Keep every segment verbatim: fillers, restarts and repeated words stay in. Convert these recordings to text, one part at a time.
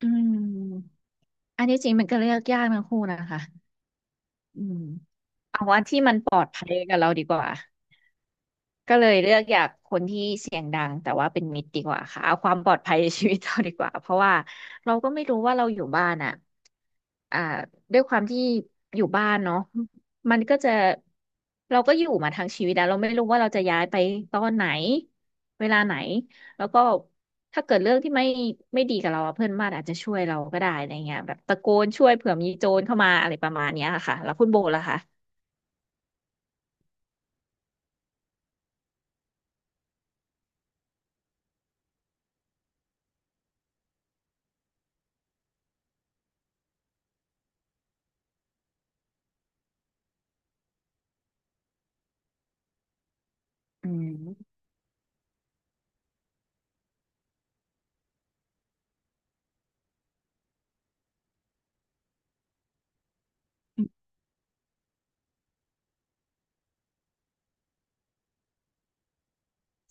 อืมอันนี้จริงมันก็เลือกยากนะคู่นะคะอืมเอาว่าที่มันปลอดภัยกับเราดีกว่า ก็เลยเลือกอยากคนที่เสียงดังแต่ว่าเป็นมิตรดีกว่าค่ะเอาความปลอดภัยในชีวิตเราดีกว่าเพราะว่าเราก็ไม่รู้ว่าเราอยู่บ้านอ่ะอ่าด้วยความที่อยู่บ้านเนาะมันก็จะเราก็อยู่มาทั้งชีวิตแล้วเราไม่รู้ว่าเราจะย้ายไปตอนไหนเวลาไหนแล้วก็ถ้าเกิดเรื่องที่ไม่ไม่ดีกับเราอะเพื่อนบ้านอาจจะช่วยเราก็ได้อะไรเงี้ยแบบตะโกนช่วยเผื่อมีโจรเข้ามาอะไรประมาณเนี้ยค่ะแล้วคุณโบล่ะคะอืม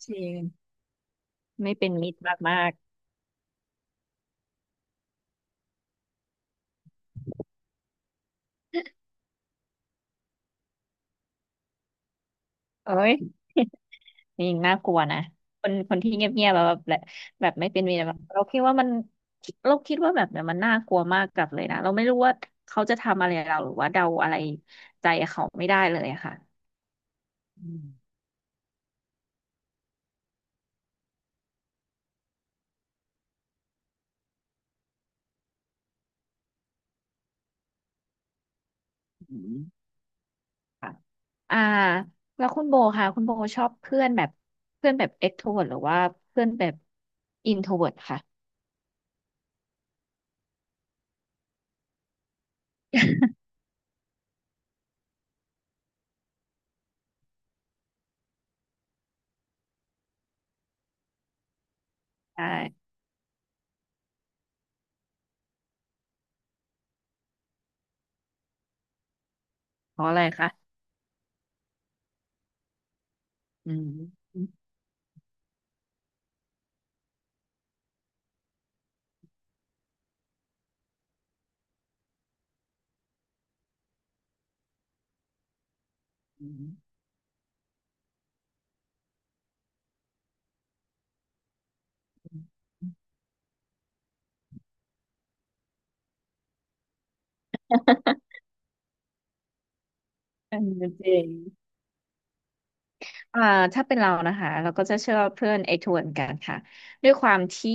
จริงไม่เป็นมิตรมากๆ เอ้ยนี่น่ากลัวนะคนคนที่เงียบๆแบบแบบแบบไม่เป็นมีอะไรแบบเราคิดว่ามันเราคิดว่าแบบเนี่ยมันน่ากลัวมากกับเลยนะเราไม่รู้ว่าเขาจะทำอะไรเราหรือว่าเดาอะไรใจเขาไม่ได้เลยอะค่ะอืมอืมค่ะอ่าแล้วคุณโบค่ะคุณโบชอบเพื่อนแบบเพื่อนแบบเอ็กโทรเวิร์หรือว่าเพื่อนแบบอินโทรเวิร์ค่ะใช่เพราะอะไรคะอืมอืมอืมอืมจริง อ่าถ้าเป็นเรานะคะเราก็จะเชื่อเพื่อนไอ้ทวนกันค่ะด้วยความที่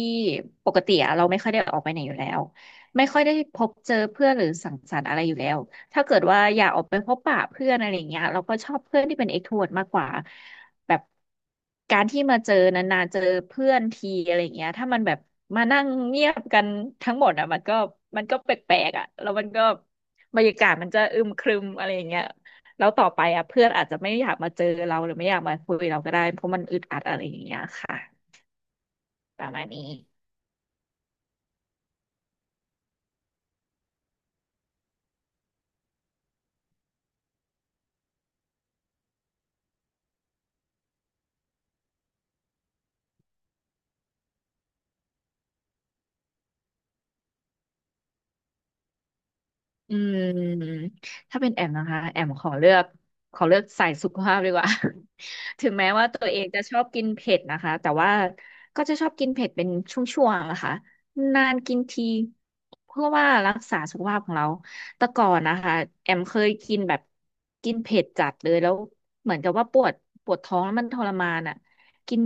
ปกติอะเราไม่ค่อยได้ออกไปไหนอยู่แล้วไม่ค่อยได้พบเจอเพื่อนหรือสังสรรค์อะไรอยู่แล้วถ้าเกิดว่าอยากออกไปพบปะเพื่อนอะไรอย่างเงี้ยเราก็ชอบเพื่อนที่เป็นเอ็กโทรดมากกว่าแบบการที่มาเจอนานๆเจอเพื่อนทีอะไรอย่างเงี้ยถ้ามันแบบมานั่งเงียบกันทั้งหมดอ่ะมันก็มันก็แปลกๆอ่ะแล้วมันก็บรรยากาศมันจะอึมครึมอะไรอย่างเงี้ย แล้วต่อไปอ่ะเพื่อนอาจจะไม่อยากมาเจอเราหรือไม่อยากมาคุยเราก็ได้เพราะมันอึดอัดอะไรอย่างเงี้ยค่ะประมาณนี้อืมถ้าเป็นแอมนะคะแอมขอเลือกขอเลือกสายสุขภาพดีกว่า ถึงแม้ว่าตัวเองจะชอบกินเผ็ดนะคะแต่ว่าก็จะชอบกินเผ็ดเป็นช่วงๆนะคะนานกินทีเพื่อว่ารักษาสุขภาพของเราแต่ก่อนนะคะแอมเคยกินแบบกินเผ็ดจัดเลยแล้วเหมือนกับว่าปวดปวดท้องแล้วมันทรมานอ่ะ กิน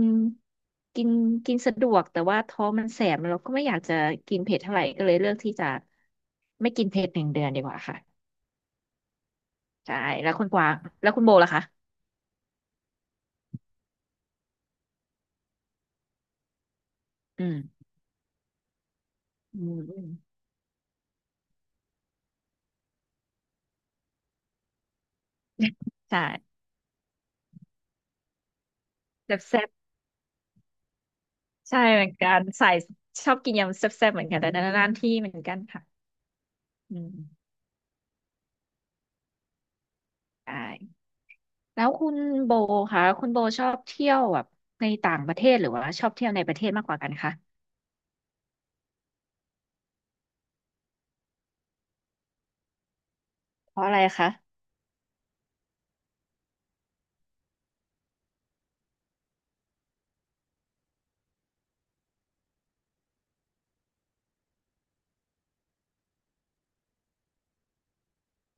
กินกินสะดวกแต่ว่าท้องมันแสบเราก็ไม่อยากจะกินเผ็ดเท่าไหร่ก็เลยเลือกที่จะไม่กินเผ็ดหนึ่งเดือนดีกว่าค่ะใช่แล้วคุณกวางแล้วคุณโบล่ะคะอืมอืมอืมใช่แซ่บแซ่บใช่เหมือนกันใส่ชอบกินยำแซ่บแซ่บเหมือนกันแต่นานๆที่เหมือนกันค่ะอืมใช่แล้วคุณโบคะคุณโบชอบเที่ยวแบบในต่างประเทศหรือว่าชอบเที่ยวในประเทศมากกว่ากันคะเพราะอะไรคะ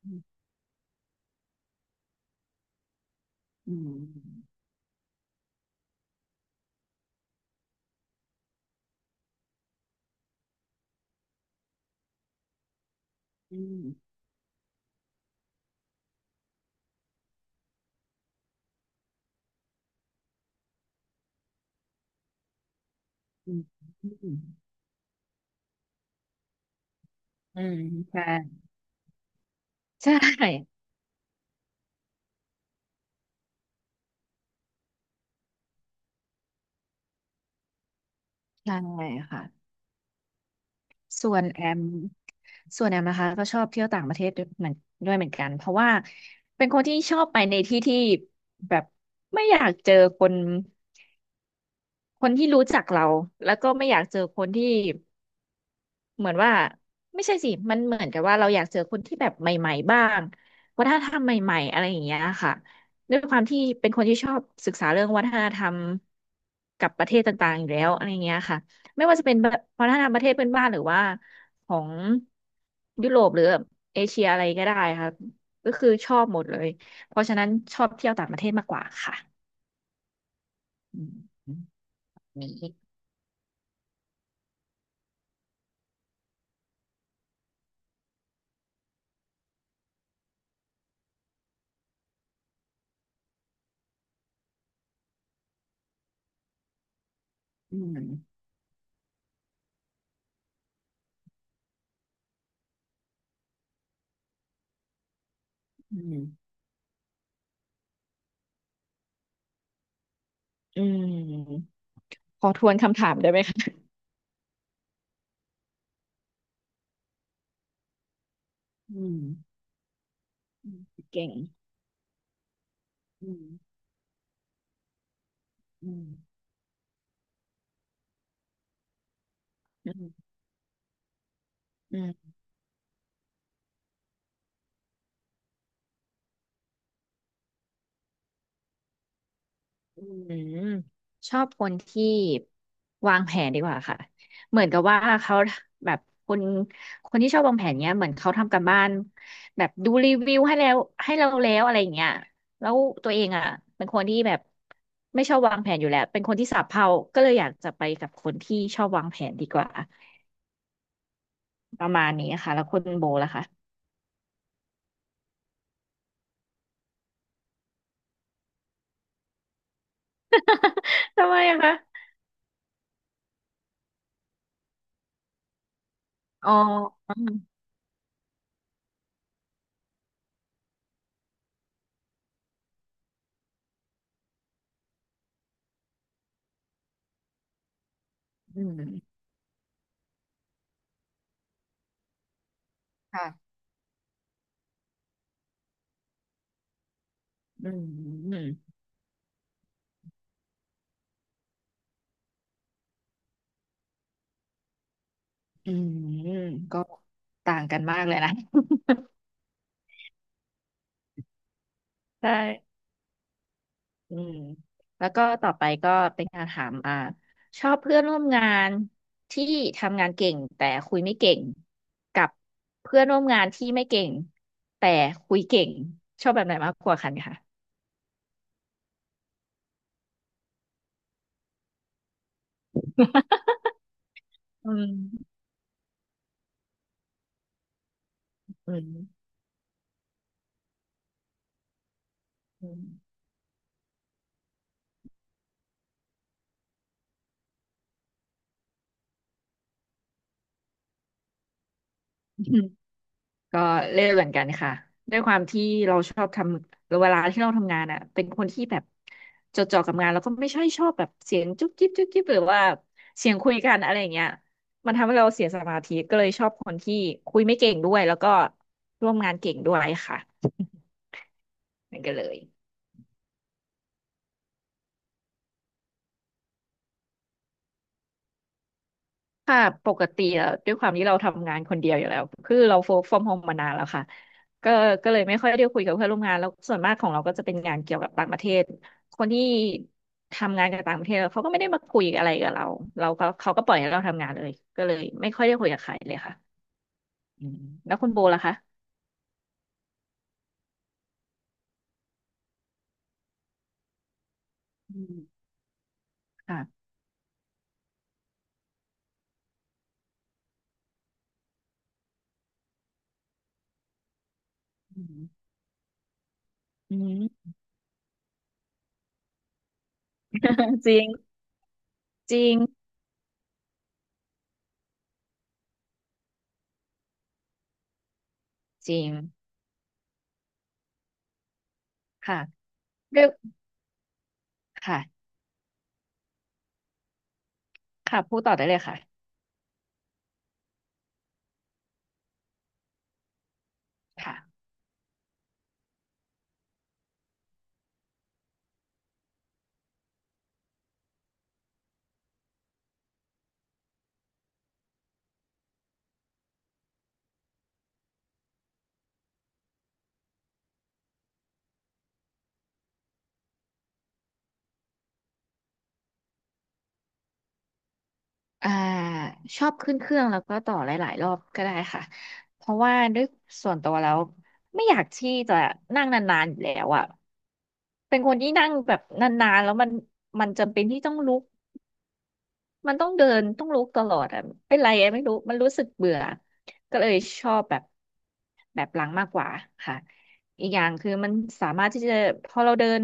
อืมอืมอืมอืม อืมใช่ใช่ใช่ค่ะส่วนแอมส่วนแอมนะคะก็ชอบเที่ยวต่างประเทศด้วยเหมือนด้วยเหมือนกันเพราะว่าเป็นคนที่ชอบไปในที่ที่แบบไม่อยากเจอคนคนที่รู้จักเราแล้วก็ไม่อยากเจอคนที่ เหมือนว่าไม่ใช่สิ มันเหมือนกับว่าเราอยากเจอคนที่แบบใหม่ๆบ้างวัฒนธรรมใหม่ๆอะไรอย่างเงี้ยค่ะด้วยความที่เป็นคนที่ชอบศึกษาเรื่องวัฒนธรรมกับประเทศต่างๆอยู่แล้วอะไรเงี้ยค่ะไม่ว่าจะเป็นแบบวัฒนธรรมประเทศเพื่อนบ้านหรือว่าของยุโรปหรือเอเชียอะไรก็ได้ค่ะก็คือชอบหมดเลยเพราะฉะนั้นชอบเที่ยวต่างประเทศมากกว่าค่ะอืมนี่อืมอืมอืมขอทวนคำถามได้ไหมคะอืม อืมเก่งอืมอืมอืมอืมอืมอชอบคนที่วางแผนดีกว่าค่ะเหมือนกับว่าเขาแบบคนคนที่ชอบวางแผนเนี้ยเหมือนเขาทำกัรบ้านแบบดูรีวิวให้แล้วให้เราแล้วอะไรอย่างเงี้ยแล้วตัวเองอ่ะเป็นคนที่แบบไม่ชอบวางแผนอยู่แล้ว เป็นคนที่สับเพร่าก็เลยอยากจะไปกับคนที่ชอบวางแผนดีกว่าประมาณนี้ค่ะ แล้วคุณโบล่ะคะ ทำไมอะคะอ๋ออืมอืมค่ะ อืมอืมอืมก็ต่างกันมากเลยนะ ใช่อืมแล้วก็ต่อไปก็เป็นการถามอ่าชอบเพื่อนร่วมงานที่ทำงานเก่งแต่คุยไม่เก่งกับเพื่อนร่วมงานที่ไม่เก่งแต่คุยเก่งชอบแบบไหนมากกว่ากันคะอืมอืมอืม ก็เล่นเหมือนกันค่ะด้วยความที่เราชอบทำเวลาที่เราทำงานอ่ะเป็นคนที่แบบจดจ่อกับงานแล้วก็ไม่ใช่ชอบแบบเสียงจุ๊บจิ๊บจุ๊บจิ๊บหรือว่าเสียงคุยกันอะไรอย่างเงี้ยมันทำให้เราเสียสมาธิก็เลยชอบคนที่คุยไม่เก่งด้วยแล้วก็ร่วมงานเก่งด้วยค่ะนั่นก็เลย ค่ะปกติแล้วด้วยความที่เราทำงานคนเดียวอยู่แล้วคือเราโฟกฟอร์มโฮมมานานแล้วค่ะก็ก็เลยไม่ค่อยได้คุยกับเพื่อนร่วมงานแล้วส่วนมากของเราก็จะเป็นงานเกี่ยวกับต่างประเทศคนที่ทำงานกับต่างประเทศเขาก็ไม่ได้มาคุยอะไรกับเราเราก็เขาก็ปล่อยให้เราทำงานเลยก็เลยไม่ค่อยได้คุยกับใครเลยค่ะอืมแล้วคุณโบล่ะคะอืมค่ะอืม อืม จริงจริงจริงค่ะด้วยค่ะค่ะพูดต่อได้เลยค่ะค่ะ อ่าชอบขึ้นเครื่องแล้วก็ต่อหลายๆรอบก็ได้ค่ะเพราะว่าด้วยส่วนตัวแล้วไม่อยากที่จะนั่งนานๆอยู่แล้วอ่ะเป็นคนที่นั่งแบบนานๆแล้วมันมันจำเป็นที่ต้องลุกมันต้องเดินต้องลุกตลอดอ่ะเป็นไรอะไม่รู้มันรู้สึกเบื่อก็เลยชอบแบบแบบหลังมากกว่าค่ะอีกอย่างคือมันสามารถที่จะพอเราเดิน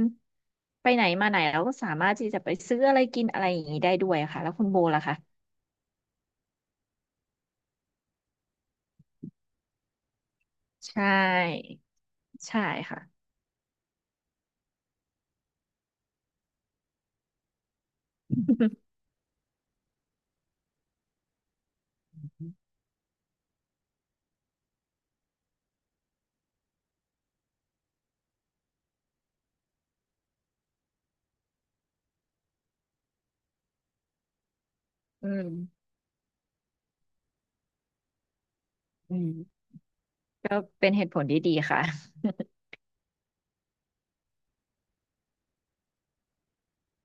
ไปไหนมาไหนเราก็สามารถที่จะไปซื้ออะไรกินอะไรอย่างนี้ได้ด้วยค่ะแล้วคุณโบล่ะคะใช่ ใช่ค่ะ อืมอืมก็เป็นเหตุผลที่ดีค่ะ